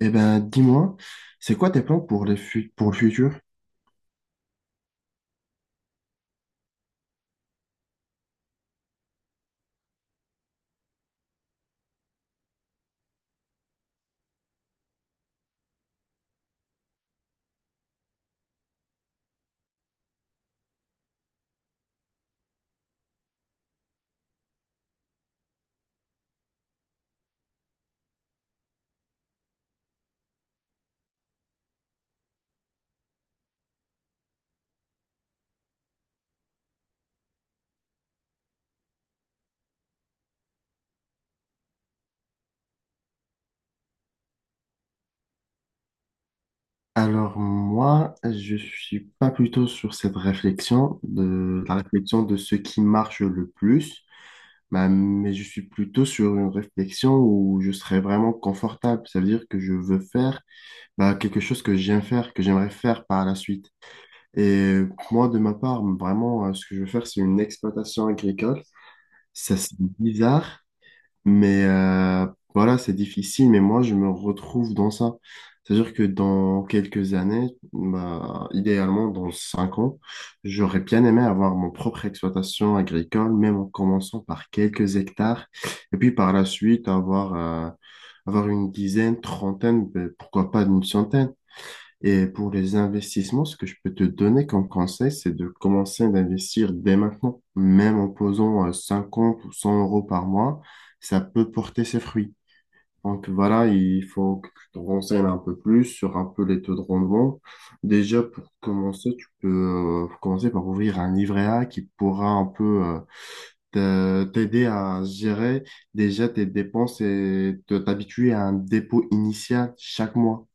Eh ben, dis-moi, c'est quoi tes plans pour pour le futur? Alors moi, je suis pas plutôt sur cette réflexion de ce qui marche le plus, mais je suis plutôt sur une réflexion où je serais vraiment confortable. Ça veut dire que je veux faire quelque chose que j'aime faire, que j'aimerais faire par la suite. Et moi, de ma part, vraiment, ce que je veux faire, c'est une exploitation agricole. Ça, c'est bizarre, mais voilà, c'est difficile, mais moi, je me retrouve dans ça. C'est-à-dire que dans quelques années, idéalement dans 5 ans, j'aurais bien aimé avoir mon propre exploitation agricole, même en commençant par quelques hectares, et puis par la suite avoir une dizaine, trentaine, ben, pourquoi pas une centaine. Et pour les investissements, ce que je peux te donner comme conseil, c'est de commencer d'investir dès maintenant. Même en posant 50 ou 100 euros par mois, ça peut porter ses fruits. Donc voilà, il faut que tu te renseignes un peu plus sur un peu les taux de rendement. Déjà, pour commencer, tu peux commencer par ouvrir un livret A qui pourra un peu t'aider à gérer déjà tes dépenses et te t'habituer à un dépôt initial chaque mois.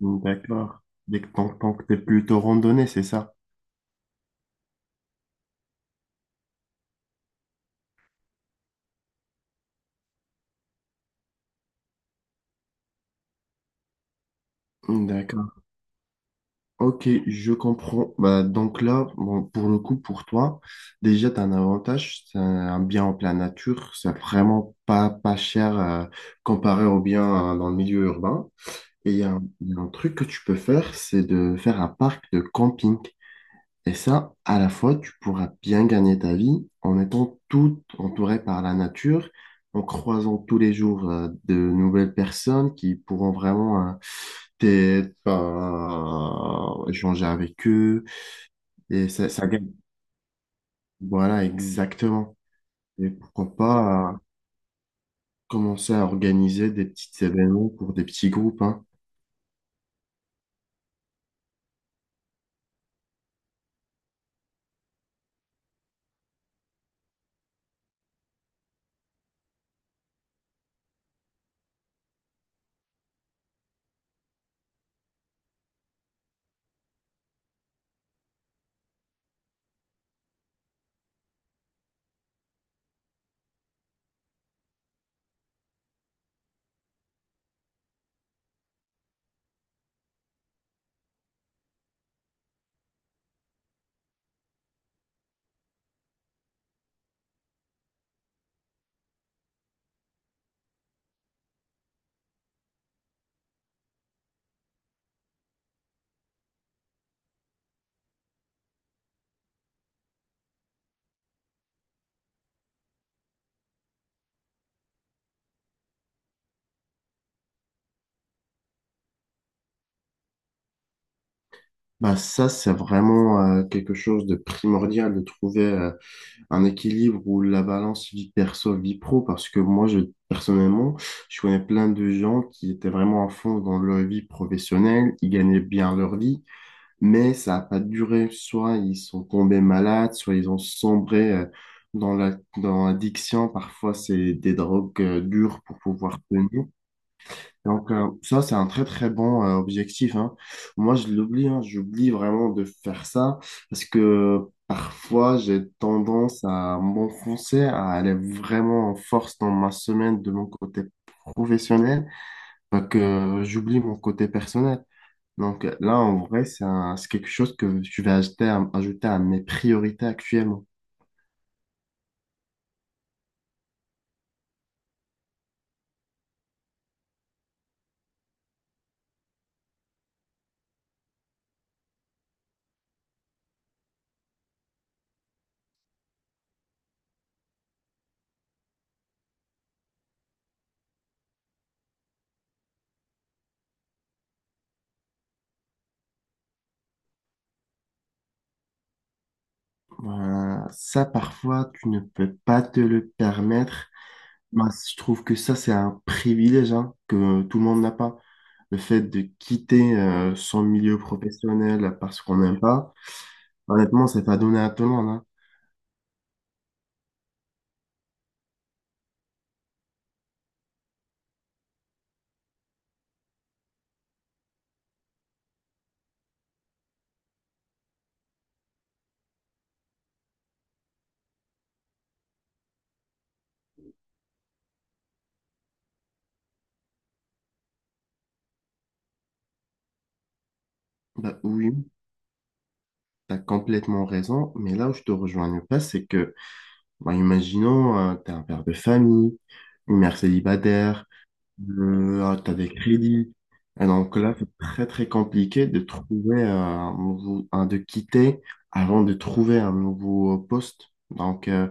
D'accord. Tant que t'es plutôt randonnée, c'est ça? D'accord. Ok, je comprends. Bah, donc là, bon, pour le coup, pour toi, déjà, tu as un avantage, c'est un bien en pleine nature, c'est vraiment pas cher comparé au bien dans le milieu urbain. Et il y a un truc que tu peux faire, c'est de faire un parc de camping. Et ça, à la fois, tu pourras bien gagner ta vie en étant tout entouré par la nature, en croisant tous les jours de nouvelles personnes qui pourront vraiment t'aider, échanger avec eux. Et ça gagne. Voilà, exactement. Et pourquoi pas commencer à organiser des petits événements pour des petits groupes, hein. Bah ça, c'est vraiment quelque chose de primordial de trouver un équilibre où la balance vie perso, vie pro, parce que moi, je, personnellement, je connais plein de gens qui étaient vraiment à fond dans leur vie professionnelle, ils gagnaient bien leur vie, mais ça n'a pas duré. Soit ils sont tombés malades, soit ils ont sombré dans dans l'addiction. Parfois, c'est des drogues dures pour pouvoir tenir. Donc ça, c'est un très très bon objectif, hein. Moi, je l'oublie, hein, j'oublie vraiment de faire ça parce que parfois, j'ai tendance à m'enfoncer, à aller vraiment en force dans ma semaine de mon côté professionnel, bah, que j'oublie mon côté personnel. Donc là, en vrai, c'est quelque chose que je vais ajouter ajouter à mes priorités actuellement. Ça, parfois, tu ne peux pas te le permettre. Bah, je trouve que ça, c'est un privilège hein, que tout le monde n'a pas. Le fait de quitter son milieu professionnel parce qu'on n'aime pas, honnêtement, c'est pas donné à tout le monde, hein. Bah, oui, tu as complètement raison, mais là où je te rejoins pas, c'est que, bah, imaginons, tu es un père de famille, une mère célibataire, tu as des crédits. Et donc là, c'est très très compliqué de trouver de quitter avant de trouver un nouveau poste. Donc,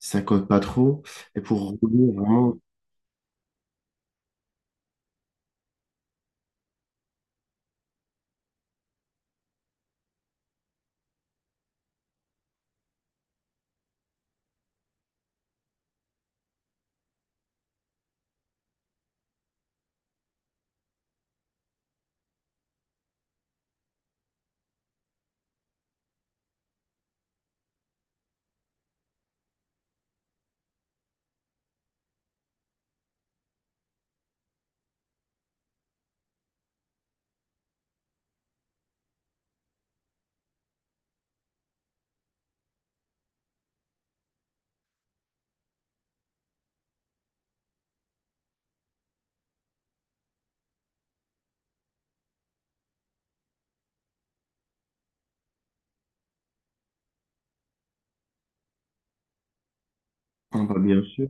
si ça cote pas trop. Et pour rouler, vraiment, on va bien sûr.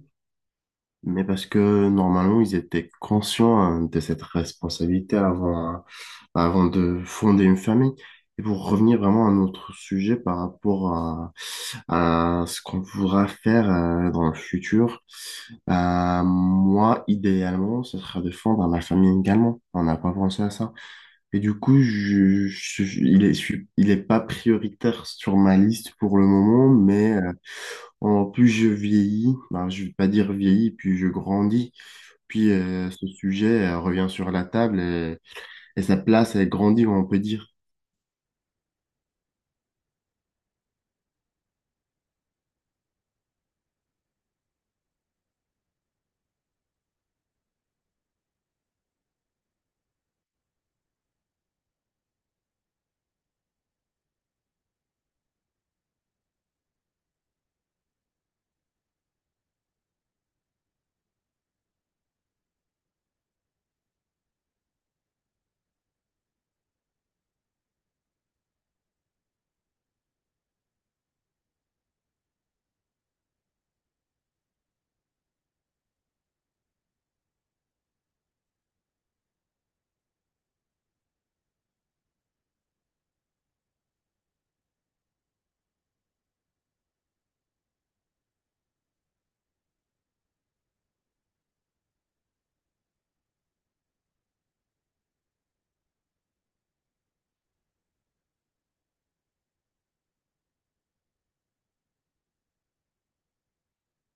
Mais parce que normalement, ils étaient conscients hein, de cette responsabilité avant, hein, bah, avant de fonder une famille. Et pour revenir vraiment à notre sujet par rapport à ce qu'on voudra faire dans le futur, moi, idéalement, ce sera de fonder ma famille également. On n'a pas pensé à ça. Et du coup, il est pas prioritaire sur ma liste pour le moment, mais en plus je vieillis, ben, je vais pas dire vieillis, puis je grandis, puis ce sujet revient sur la table et sa place elle grandit, on peut dire.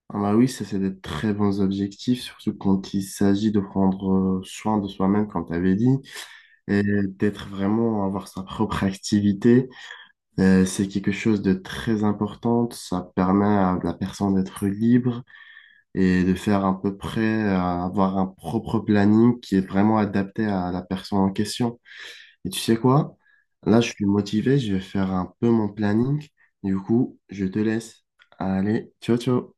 Ah bah oui, ça c'est des très bons objectifs, surtout quand il s'agit de prendre soin de soi-même, comme tu avais dit, et d'être vraiment avoir sa propre activité. C'est quelque chose de très important. Ça permet à la personne d'être libre et de faire à peu près, à avoir un propre planning qui est vraiment adapté à la personne en question. Et tu sais quoi? Là, je suis motivé, je vais faire un peu mon planning. Du coup, je te laisse. Allez, ciao, ciao.